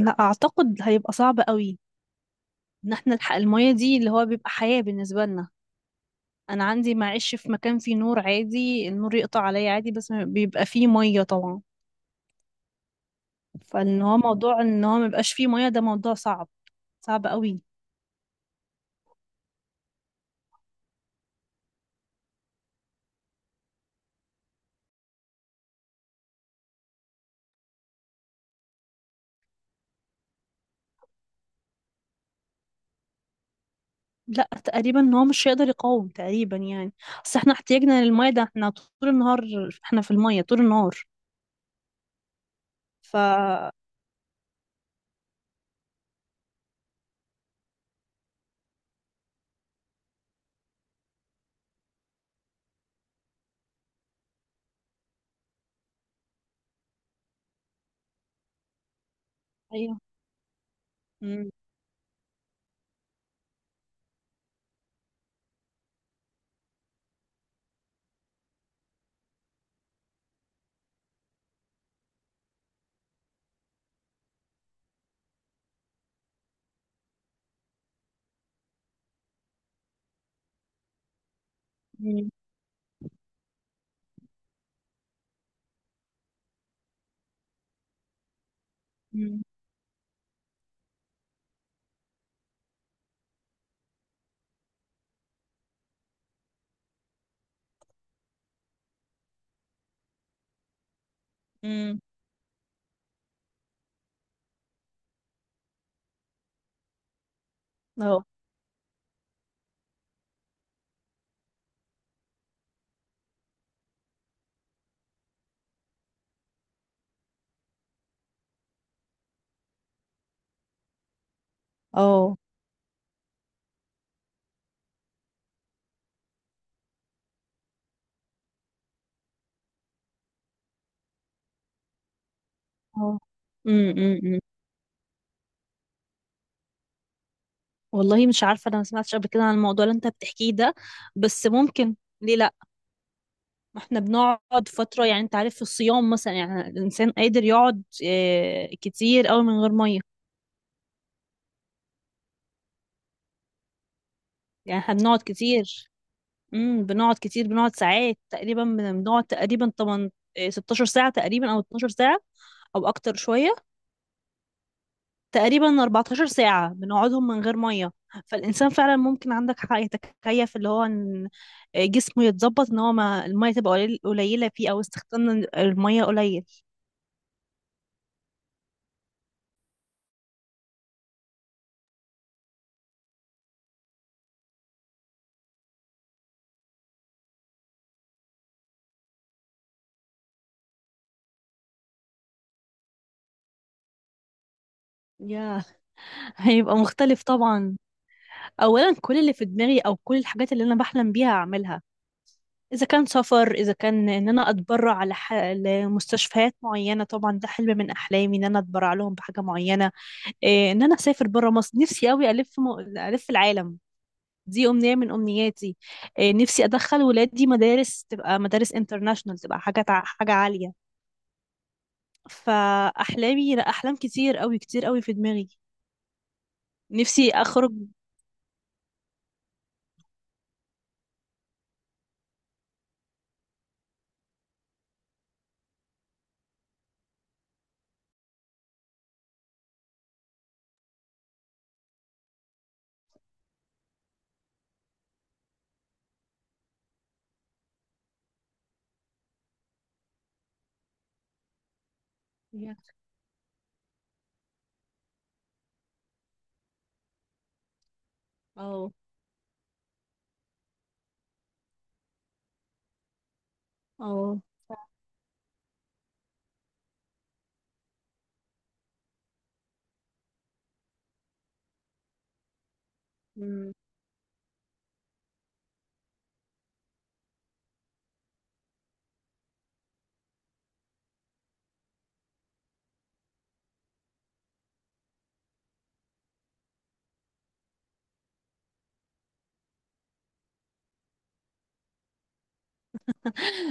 لا اعتقد هيبقى صعب قوي ان احنا نلحق المية دي اللي هو بيبقى حياة بالنسبة لنا. انا عندي معيش في مكان فيه نور عادي، النور يقطع عليا عادي، بس ما بيبقى فيه مية طبعا. فان هو موضوع ان هو مبقاش فيه مية ده موضوع صعب قوي. لا تقريبا ان هو مش هيقدر يقاوم تقريبا يعني. اصل احنا احتياجنا للمية ده، احنا طول النهار احنا في المية طول النهار. ف ايوه. امم. امم. امم. اه. اه. اه. امم، إمم، إمم. والله مش عارفة، أنا ما سمعتش قبل كده عن الموضوع اللي أنت بتحكيه ده. بس ممكن، ليه لأ؟ ما احنا بنقعد فترة، يعني أنت عارف في الصيام مثلا، يعني الإنسان قادر يقعد كتير أوي من غير مية. يعني احنا بنقعد كتير. بنقعد كتير، بنقعد ساعات تقريبا، بنقعد تقريبا 8 16 ساعة تقريبا، أو 12 ساعة، أو أكتر شوية، تقريبا 14 ساعة بنقعدهم من غير مية. فالإنسان فعلا، ممكن عندك حق، يتكيف اللي هو إن جسمه يتظبط، إن هو ما المية تبقى قليلة فيه، أو استخدام المية قليل. ياه، هيبقى مختلف طبعا. أولا كل اللي في دماغي أو كل الحاجات اللي أنا بحلم بيها أعملها. إذا كان سفر، إذا كان إن أنا أتبرع لمستشفيات معينة، طبعا ده حلم من أحلامي إن أنا أتبرع لهم بحاجة معينة. إيه، إن أنا أسافر برا مصر، نفسي أوي ألف العالم، دي أمنية من أمنياتي. نفسي أدخل ولادي مدارس، تبقى مدارس انترناشونال، تبقى حاجة عالية. فأحلامي، لا، أحلام كتير أوي كتير أوي في دماغي. نفسي أخرج. اه. اه. مم.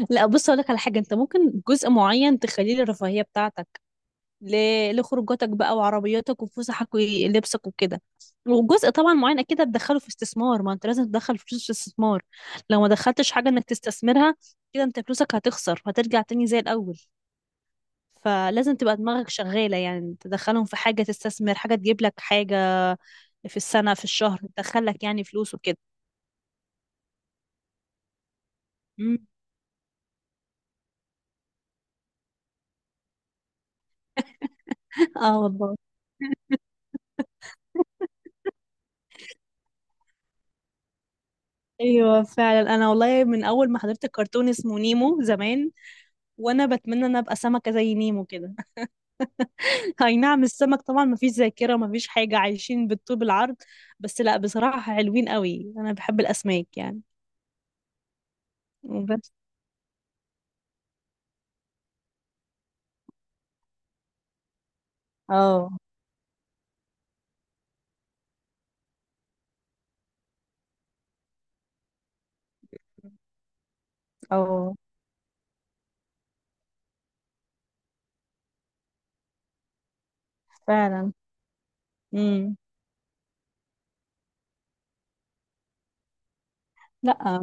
لا بص، اقول لك على حاجه، انت ممكن جزء معين تخليه للرفاهيه بتاعتك، لخروجاتك بقى وعربياتك وفسحك ولبسك وكده. وجزء طبعا معين اكيد هتدخله في استثمار، ما انت لازم تدخل فلوس في استثمار. لو ما دخلتش حاجة انك تستثمرها، كده انت فلوسك هتخسر وهترجع تاني زي الاول. فلازم تبقى دماغك شغالة، يعني تدخلهم في حاجة، تستثمر حاجة تجيب لك حاجة في السنة في الشهر تدخلك يعني فلوس وكده. مم. اه والله. ايوه فعلا، انا والله من اول ما حضرت الكرتون اسمه نيمو زمان، وانا بتمنى ان أنا ابقى سمكة زي نيمو كده. اي نعم، السمك طبعا مفيش ذاكرة، مفيش حاجة، عايشين بالطوب العرض. بس لا، بصراحة حلوين قوي، انا بحب الاسماك يعني. بس. اه. اه فعلا. امم. لا.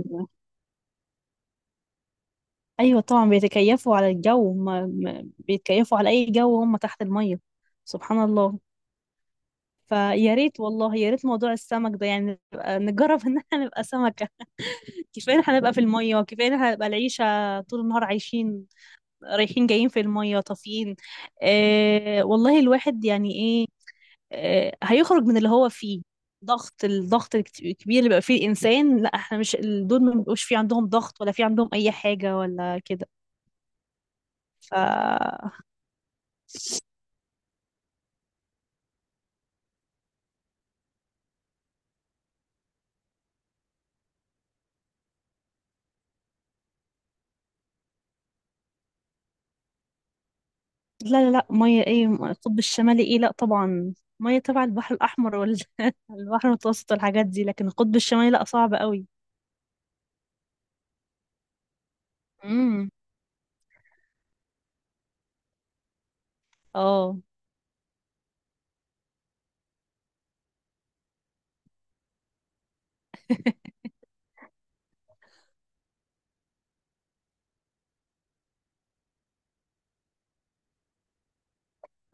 ايوه طبعا، بيتكيفوا على الجو هم، بيتكيفوا على اي جو، هم تحت المية. سبحان الله. فيا ريت والله، يا ريت موضوع السمك ده، يعني نبقى نجرب ان احنا نبقى سمكة. كفاية ان احنا نبقى في المية، وكفاية ان احنا نبقى العيشة طول النهار عايشين، رايحين جايين في المية طافيين. آه والله، الواحد يعني ايه. آه، هيخرج من اللي هو فيه، ضغط، الضغط الكبير اللي بقى فيه الإنسان. لا، احنا مش دول، ما بيبقوش في عندهم ضغط، ولا في عندهم أي حاجة ولا كده. ف لا لا لا، مية ايه القطب الشمالي، ايه لا طبعا. مية تبع البحر الأحمر ولا البحر المتوسط والحاجات دي، لكن القطب الشمالي لا، صعب قوي. امم. اه.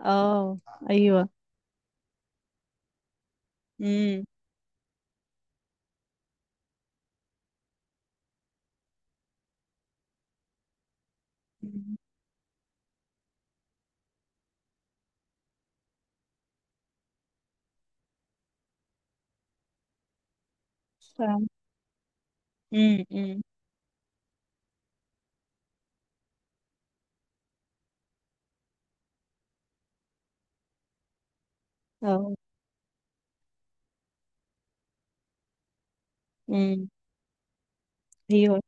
اه. ايوه. امم. امم. اه. امم. ايوه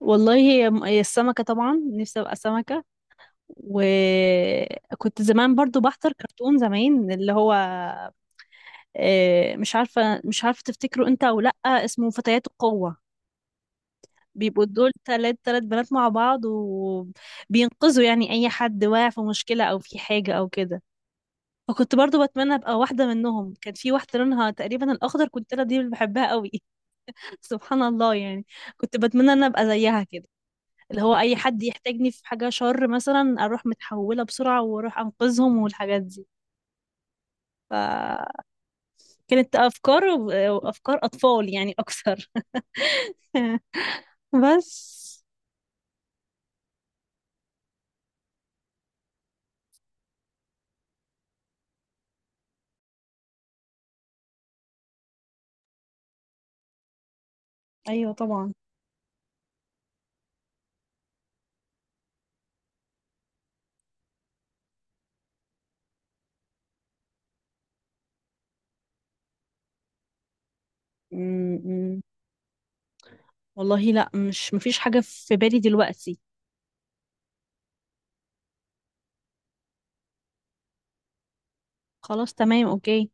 والله، هي هي السمكة، طبعا نفسي ابقى سمكة. وكنت زمان برضو بحضر كرتون زمان اللي هو، مش عارفة تفتكره انت او لأ، اسمه فتيات القوة. بيبقوا دول، تلات تلات بنات مع بعض، وبينقذوا يعني اي حد واقع في مشكلة او في حاجة او كده. فكنت برضو بتمنى ابقى واحدة منهم. كان في واحدة لونها تقريبا الاخضر، كنت انا دي اللي بحبها قوي. سبحان الله يعني، كنت بتمنى ان أنا ابقى زيها كده، اللي هو اي حد يحتاجني في حاجة شر مثلا، اروح متحولة بسرعة واروح انقذهم والحاجات دي. فكانت افكار افكار اطفال يعني اكثر. بس. ايوه طبعا. م. والله لا، مش مفيش حاجة في بالي دلوقتي. خلاص، تمام، اوكي.